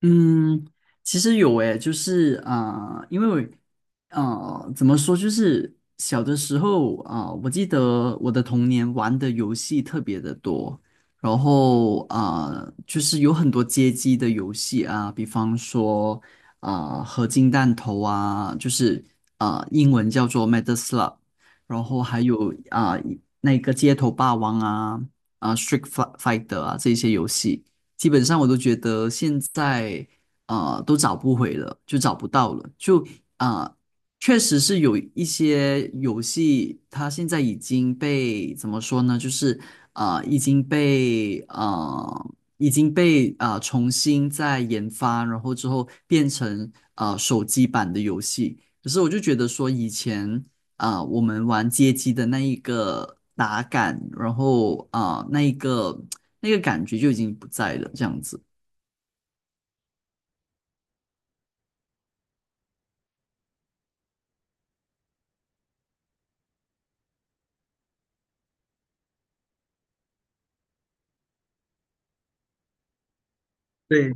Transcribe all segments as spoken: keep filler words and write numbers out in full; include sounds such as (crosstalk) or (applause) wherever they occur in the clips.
嗯，其实有诶，就是啊、呃因为啊、呃怎么说，就是小的时候啊、呃我记得我的童年玩的游戏特别的多，然后啊、呃就是有很多街机的游戏啊，比方说啊、呃合金弹头啊，就是啊、呃英文叫做 Metal Slug，然后还有啊、那个街头霸王啊啊、呃 Street Fighter 啊这些游戏。基本上我都觉得现在啊呃都找不回了，就找不到了，就啊、呃确实是有一些游戏，它现在已经被怎么说呢？就是啊呃已经被啊，已经被啊呃重新再研发，然后之后变成啊手机版的游戏。可是我就觉得说以前啊、我们玩街机的那一个打感，然后啊、那一个那个感觉就已经不在了，这样子。对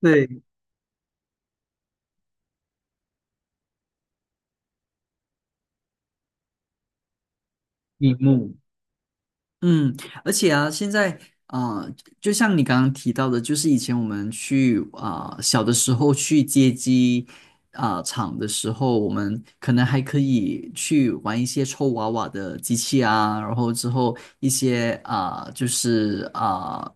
对，荧幕。嗯，而且啊，现在啊、呃就像你刚刚提到的，就是以前我们去啊、呃小的时候去街机啊、厂的时候，我们可能还可以去玩一些抽娃娃的机器啊，然后之后一些啊、呃就是啊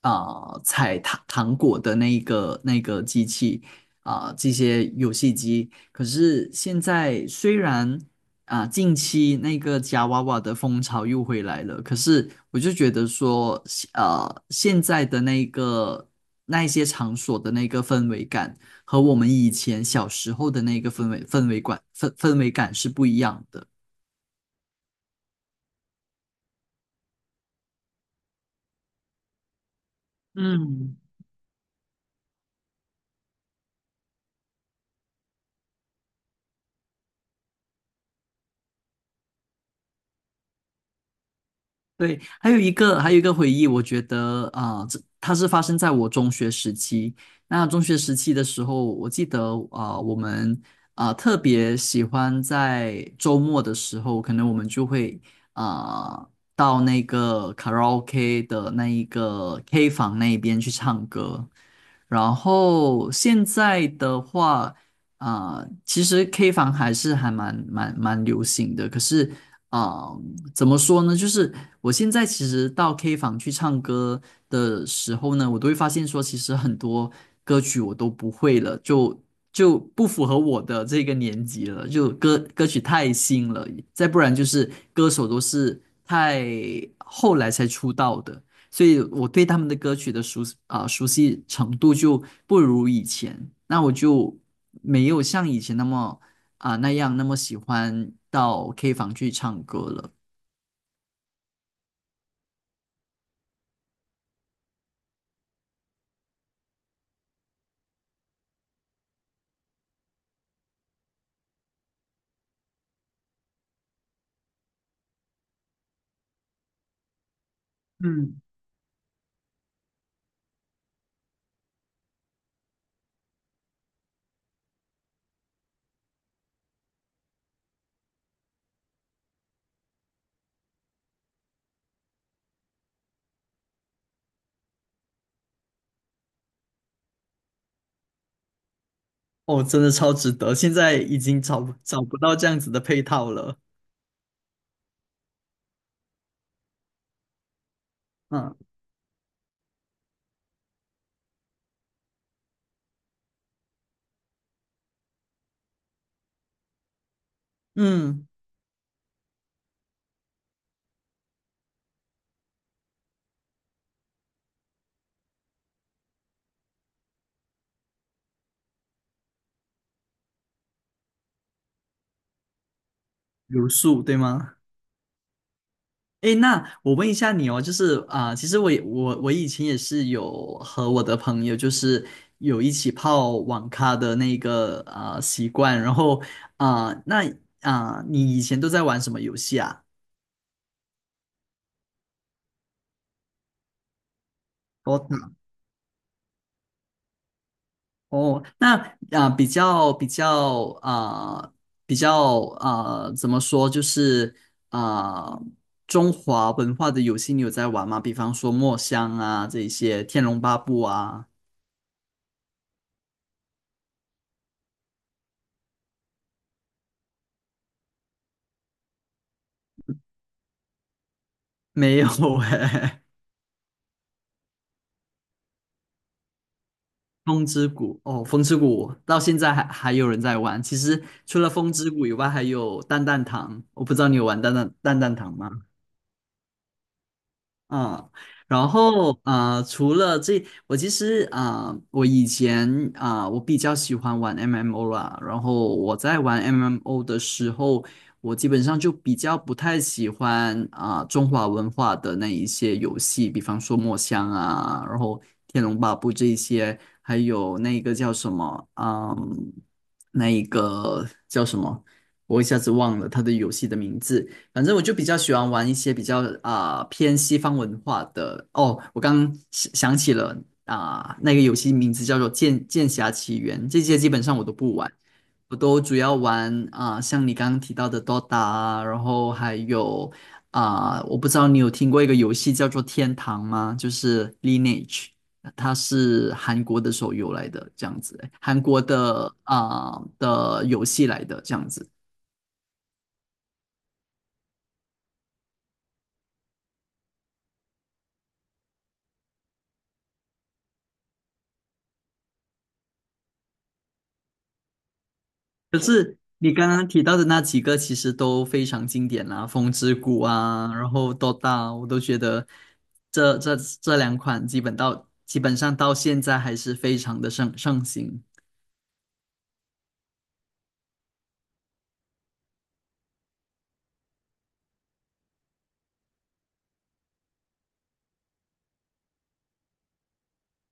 啊、呃采糖糖果的那一个那个机器啊、这些游戏机。可是现在虽然啊，近期那个夹娃娃的风潮又回来了，可是我就觉得说，呃，现在的那个那一些场所的那个氛围感和我们以前小时候的那个氛围氛围感氛氛围感是不一样的。嗯，对，还有一个，还有一个回忆，我觉得啊，呃这、它是发生在我中学时期。那中学时期的时候，我记得啊、呃我们啊、呃特别喜欢在周末的时候，可能我们就会啊、呃到那个卡拉 OK 的那一个 K 房那边去唱歌。然后现在的话，啊、其实 K 房还是还蛮蛮蛮流行的，可是啊。怎么说呢？就是我现在其实到 K 房去唱歌的时候呢，我都会发现说，其实很多歌曲我都不会了，就就不符合我的这个年纪了，就歌歌曲太新了，再不然就是歌手都是太后来才出道的，所以我对他们的歌曲的熟啊、熟悉程度就不如以前，那我就没有像以前那么啊、那样那么喜欢到 K 房去唱歌了。嗯，哦，真的超值得，现在已经找不找不到这样子的配套了。嗯嗯，留宿对吗？诶，那我问一下你哦，就是啊、其实我也我我以前也是有和我的朋友，就是有一起泡网咖的那个啊、习惯，然后啊、那啊、你以前都在玩什么游戏啊 d 哦，那啊、呃比较比较啊、呃比较啊、呃怎么说，就是啊、呃中华文化的游戏你有在玩吗？比方说《墨香》啊，这一些《天龙八部》啊，没有 (laughs) 哎、风之谷》哦，《风之谷》到现在还还有人在玩。其实除了《风之谷》以外，还有《蛋蛋堂》，我不知道你有玩蛋蛋蛋蛋堂吗？嗯，然后啊、呃除了这，我其实啊、呃我以前啊、呃我比较喜欢玩 M M O 啦。然后我在玩 M M O 的时候，我基本上就比较不太喜欢啊、呃中华文化的那一些游戏，比方说墨香啊，然后天龙八部这一些，还有那个叫什么，嗯，那一个叫什么，我一下子忘了它的游戏的名字。反正我就比较喜欢玩一些比较啊、偏西方文化的。哦，我刚想想起了啊、那个游戏名字叫做剑《剑侠奇缘》，这些基本上我都不玩，我都主要玩啊、像你刚刚提到的 Dota 啊，然后还有啊、我不知道你有听过一个游戏叫做《天堂》吗？就是 Lineage。它是韩国的手游来的，这样子，韩国的啊、的游戏来的，这样子。可是你刚刚提到的那几个其实都非常经典啦，《风之谷》啊，然后《d 大》，我都觉得这这这两款基本到基本上到现在还是非常的盛盛行。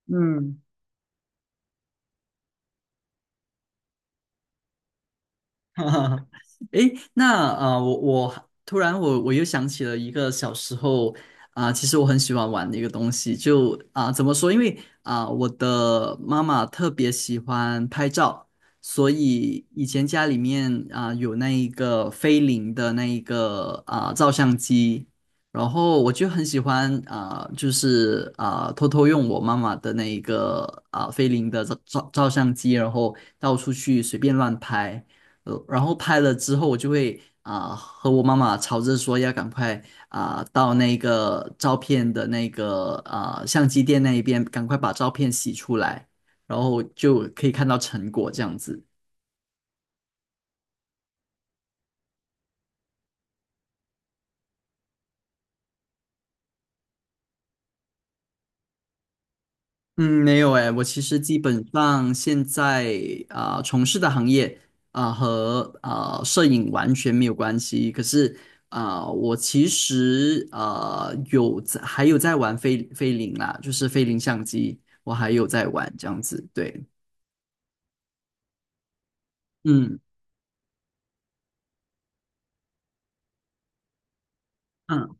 嗯。(laughs) 哈哈，诶，那啊、呃我我突然我我又想起了一个小时候啊、其实我很喜欢玩的一个东西，就啊、怎么说？因为啊、我的妈妈特别喜欢拍照，所以以前家里面啊、有那一个菲林的那一个啊、照相机，然后我就很喜欢啊、就是啊、偷偷用我妈妈的那一个啊、菲林的照照照相机，然后到处去随便乱拍。呃，然后拍了之后，我就会啊、和我妈妈吵着说要赶快啊、到那个照片的那个啊、相机店那一边，赶快把照片洗出来，然后就可以看到成果这样子。嗯，没有诶，我其实基本上现在啊、从事的行业啊、和啊、摄影完全没有关系。可是啊、我其实啊、有在还有在玩菲菲林啦，就是菲林相机，我还有在玩这样子。对，嗯嗯，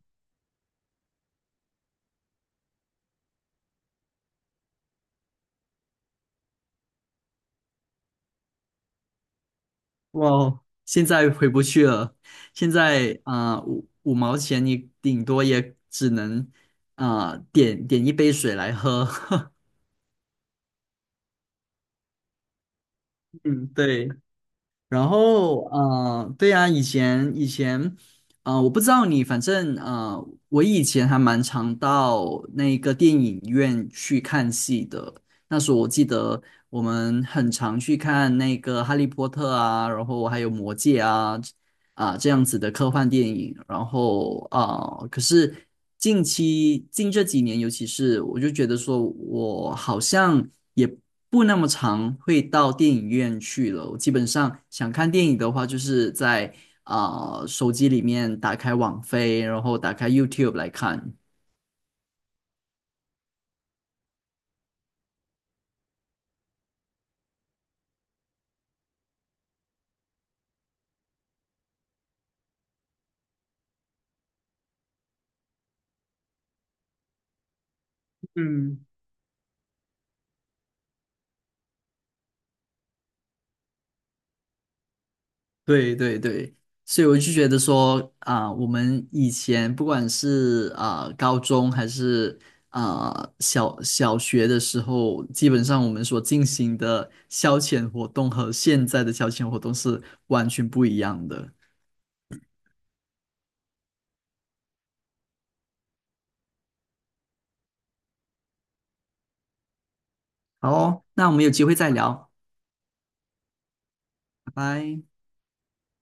哇，现在回不去了。现在啊、五五毛钱你顶多也只能啊、点点一杯水来喝。(laughs) 嗯，对。然后，呃，对呀，以前以前，呃，我不知道你，反正呃，我以前还蛮常到那个电影院去看戏的。那时候我记得我们很常去看那个《哈利波特》啊，然后还有《魔戒》啊，啊、这样子的科幻电影，然后啊、可是近期近这几年，尤其是我就觉得说，我好像也不那么常会到电影院去了。我基本上想看电影的话，就是在啊、手机里面打开网飞，然后打开 YouTube 来看。嗯。对对对，所以我就觉得说啊、我们以前不管是啊、高中还是啊、小小学的时候，基本上我们所进行的消遣活动和现在的消遣活动是完全不一样的。好哦那我们有机会再聊，拜拜。